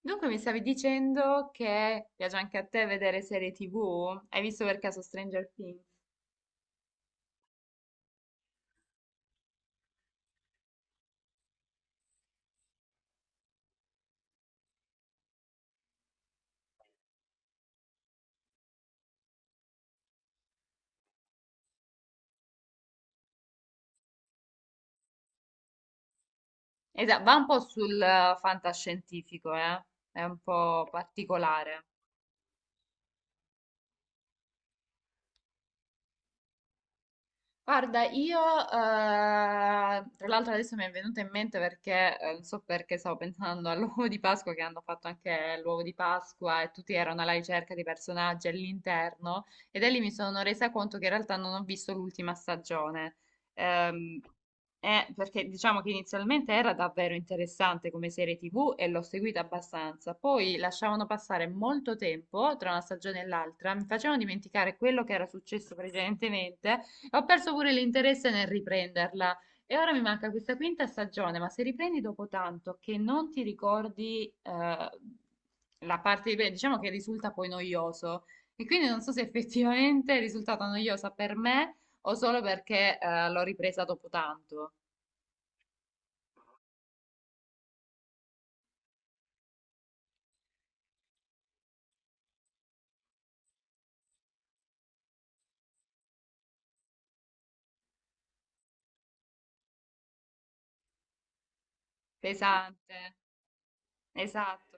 Dunque mi stavi dicendo che piace anche a te vedere serie TV? Hai visto per caso Stranger Things? Esatto, va un po' sul fantascientifico, eh? È un po' particolare. Guarda, io, tra l'altro adesso mi è venuta in mente perché, non so perché stavo pensando all'uovo di Pasqua che hanno fatto anche l'uovo di Pasqua e tutti erano alla ricerca di personaggi all'interno e da lì mi sono resa conto che in realtà non ho visto l'ultima stagione. Ehm, perché diciamo che inizialmente era davvero interessante come serie TV e l'ho seguita abbastanza, poi lasciavano passare molto tempo tra una stagione e l'altra, mi facevano dimenticare quello che era successo precedentemente. Ho perso pure l'interesse nel riprenderla e ora mi manca questa quinta stagione, ma se riprendi dopo tanto che non ti ricordi la parte di prima, diciamo che risulta poi noioso. E quindi non so se effettivamente è risultata noiosa per me o solo perché l'ho ripresa dopo tanto. Pesante, esatto.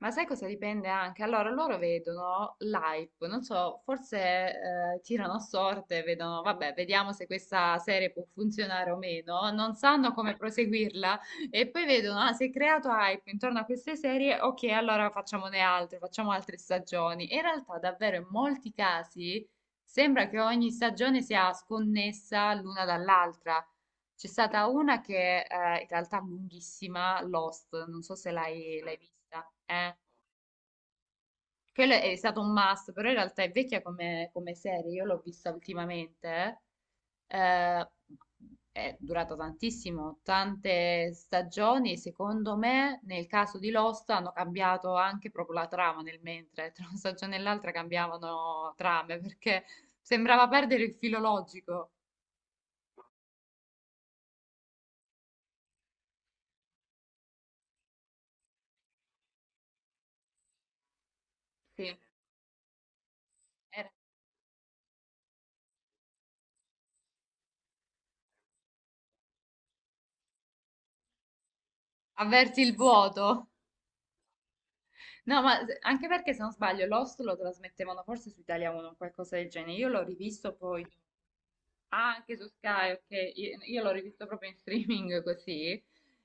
Ma sai cosa dipende anche? Allora, loro vedono l'hype, non so, forse tirano a sorte, vedono, vabbè, vediamo se questa serie può funzionare o meno, non sanno come proseguirla e poi vedono, ah, si è creato hype intorno a queste serie, ok, allora facciamone altre, facciamo altre stagioni. In realtà, davvero, in molti casi sembra che ogni stagione sia sconnessa l'una dall'altra. C'è stata una che in realtà è lunghissima, Lost, non so se l'hai vista. eh. Quello è stato un must, però in realtà è vecchia come, serie, io l'ho vista ultimamente, eh, è durata tantissimo, tante stagioni, e secondo me nel caso di Lost hanno cambiato anche proprio la trama nel mentre, tra una stagione e l'altra cambiavano trame, perché sembrava perdere il filo logico, sì, era- avverti il vuoto. No, ma anche perché se non sbaglio Lost lo trasmettevano forse su Italia 1 o qualcosa del genere. Io l'ho rivisto poi. Ah, anche su Sky, ok. Io l'ho rivisto proprio in streaming così.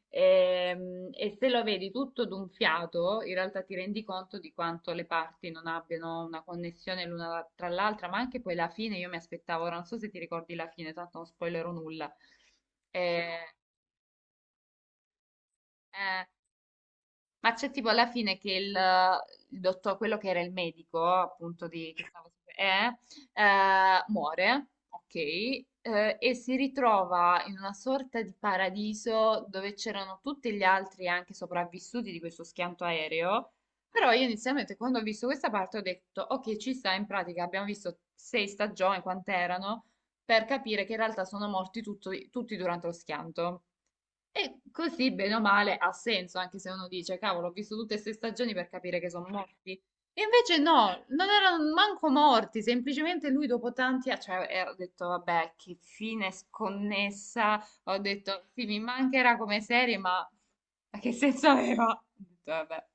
E, se lo vedi tutto d'un fiato, in realtà ti rendi conto di quanto le parti non abbiano una connessione l'una tra l'altra, ma anche poi la fine, io mi aspettavo, ora non so se ti ricordi la fine, tanto non spoilerò nulla. Eh, eh, Ma c'è tipo alla fine che il dottor, quello che era il medico, appunto, di, che stava, muore, ok, e si ritrova in una sorta di paradiso dove c'erano tutti gli altri anche sopravvissuti di questo schianto aereo. Però io inizialmente quando ho visto questa parte ho detto, ok, ci sta, in pratica abbiamo visto sei stagioni, quant'erano, per capire che in realtà sono morti tutti durante lo schianto. E così, bene o male, ha senso, anche se uno dice, cavolo, ho visto tutte queste stagioni per capire che sono morti. E invece no, non erano manco morti, semplicemente lui dopo tanti anni, cioè, ho detto, vabbè, che fine sconnessa, ho detto, sì, mi mancherà come serie, ma che senso aveva? Ho detto, vabbè.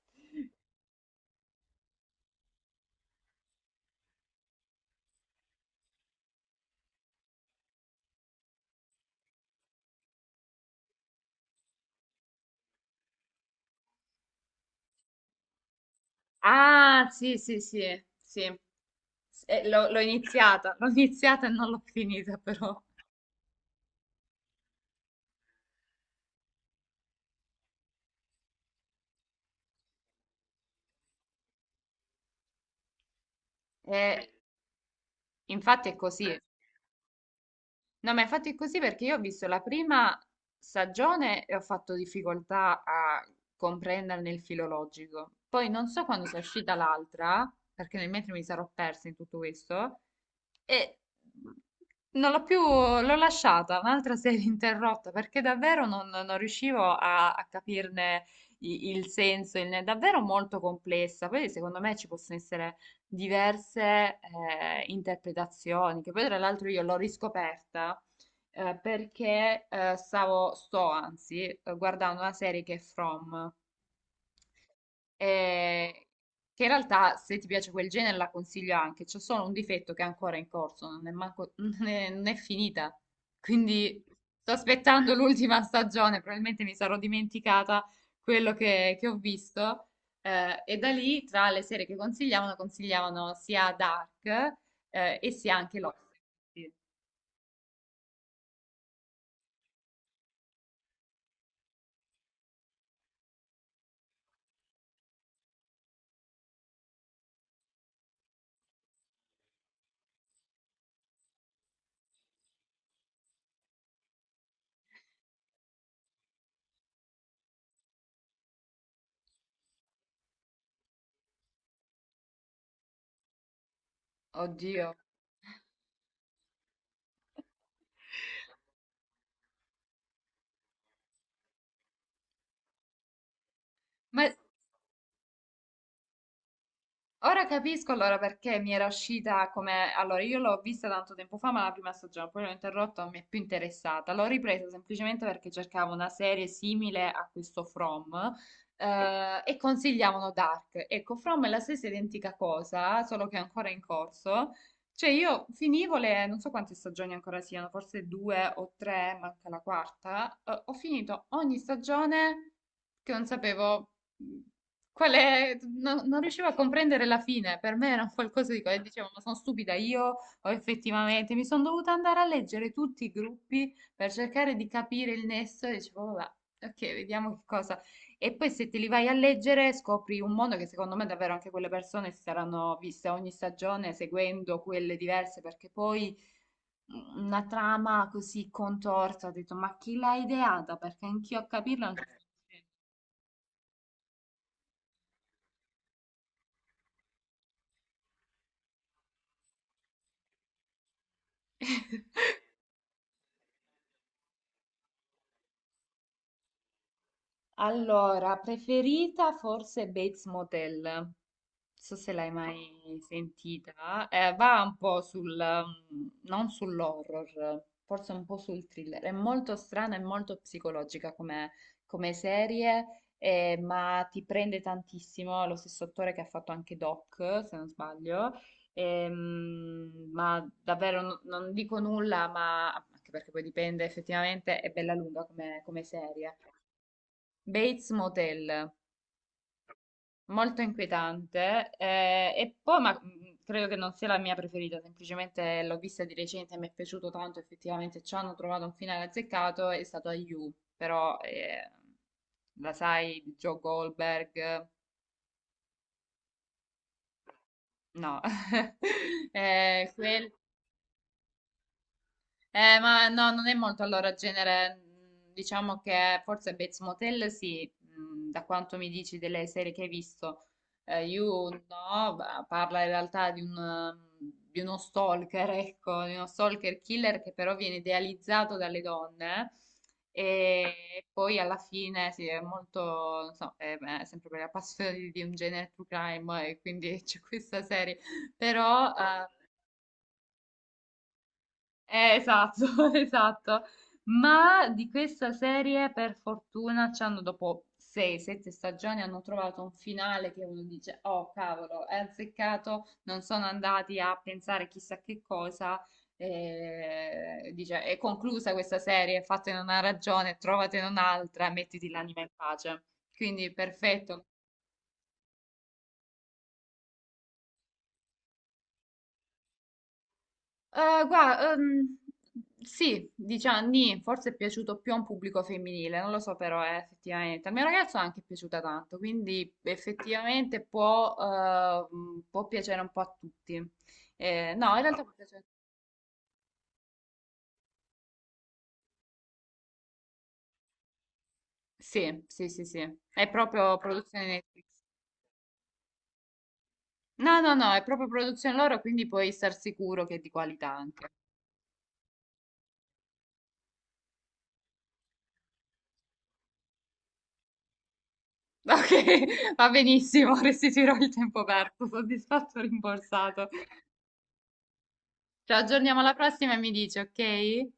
Ah, sì, sì, sì, sì. L'ho iniziata, l'ho iniziata e non l'ho finita, però. Eh, Infatti è così. No, ma infatti è così perché io ho visto la prima stagione e ho fatto difficoltà a comprenderne il filo logico. Poi non so quando sia uscita l'altra, perché nel mentre mi sarò persa in tutto questo, e non l'ho più, l'ho lasciata, un'altra serie interrotta, perché davvero non riuscivo a capirne il senso, è davvero molto complessa. Poi secondo me ci possono essere diverse interpretazioni, che poi tra l'altro io l'ho riscoperta perché stavo, sto anzi, guardando una serie che è From. eh, che in realtà se ti piace quel genere la consiglio anche, c'è solo un difetto che è ancora in corso, non è, non è finita, quindi sto aspettando l'ultima stagione, probabilmente mi sarò dimenticata quello che ho visto. E da lì, tra le serie che consigliavano sia Dark, e sia anche Lost. Oddio, ma ora capisco allora perché mi era uscita come. Allora, io l'ho vista tanto tempo fa, ma la prima stagione, poi l'ho interrotta, non mi è più interessata. L'ho ripresa semplicemente perché cercavo una serie simile a questo From, e consigliavano Dark. Ecco, From è la stessa identica cosa, solo che è ancora in corso. Cioè, io finivo le, non so quante stagioni ancora siano, forse due o tre, manca la quarta. Ho finito ogni stagione che non sapevo, mm, qual è? Non riuscivo a comprendere la fine, per me era un qualcosa di, e dicevo, ma sono stupida io o effettivamente mi sono dovuta andare a leggere tutti i gruppi per cercare di capire il nesso e dicevo, vabbè, ok, vediamo che cosa. E poi se te li vai a leggere scopri un mondo che secondo me davvero anche quelle persone si saranno viste ogni stagione seguendo quelle diverse perché poi una trama così contorta, ho detto, ma chi l'ha ideata? Perché anch'io a capirla non ci sto riuscendo. Allora, preferita forse Bates Motel. Non so se l'hai mai sentita. Va un po' sul, non sull'horror, forse un po' sul thriller. È molto strana e molto psicologica come, serie, ma ti prende tantissimo. È lo stesso attore che ha fatto anche Doc, se non sbaglio. Ma davvero non dico nulla, ma anche perché poi dipende effettivamente, è bella lunga come serie. Bates Motel, molto inquietante. E poi, ma credo che non sia la mia preferita, semplicemente l'ho vista di recente e mi è piaciuto tanto. Effettivamente ci hanno trovato un finale azzeccato, è stato a You, però la sai, di Joe Goldberg, no, eh, quel- ma no, non è molto allora genere. Diciamo che forse Bates Motel sì, da quanto mi dici delle serie che hai visto. You no, parla in realtà di uno stalker, ecco, di uno stalker killer che però viene idealizzato dalle donne e poi alla fine sì, è molto, non so, è sempre per la passione di un genere true crime e quindi c'è questa serie. Però, esatto, esatto. Ma di questa serie, per fortuna, ci hanno, dopo 6-7 stagioni, hanno trovato un finale che uno dice, oh cavolo, è azzeccato, non sono andati a pensare chissà che cosa. Dice, è conclusa questa serie, fatene una ragione, trovatene un'altra, mettiti l'anima in pace. Quindi perfetto. Guarda, sì, diciamo, nì, forse è piaciuto più a un pubblico femminile, non lo so però, effettivamente. Al mio ragazzo anche è piaciuta tanto, quindi effettivamente può piacere un po' a tutti. No, in realtà può piacere. Sì, sì, sì, sì, è proprio produzione Netflix. No, no, no, è proprio produzione loro, quindi puoi star sicuro che è di qualità anche. Ok, va benissimo, restituirò il tempo perso, soddisfatto, rimborsato. Ci aggiorniamo alla prossima e mi dici, ok?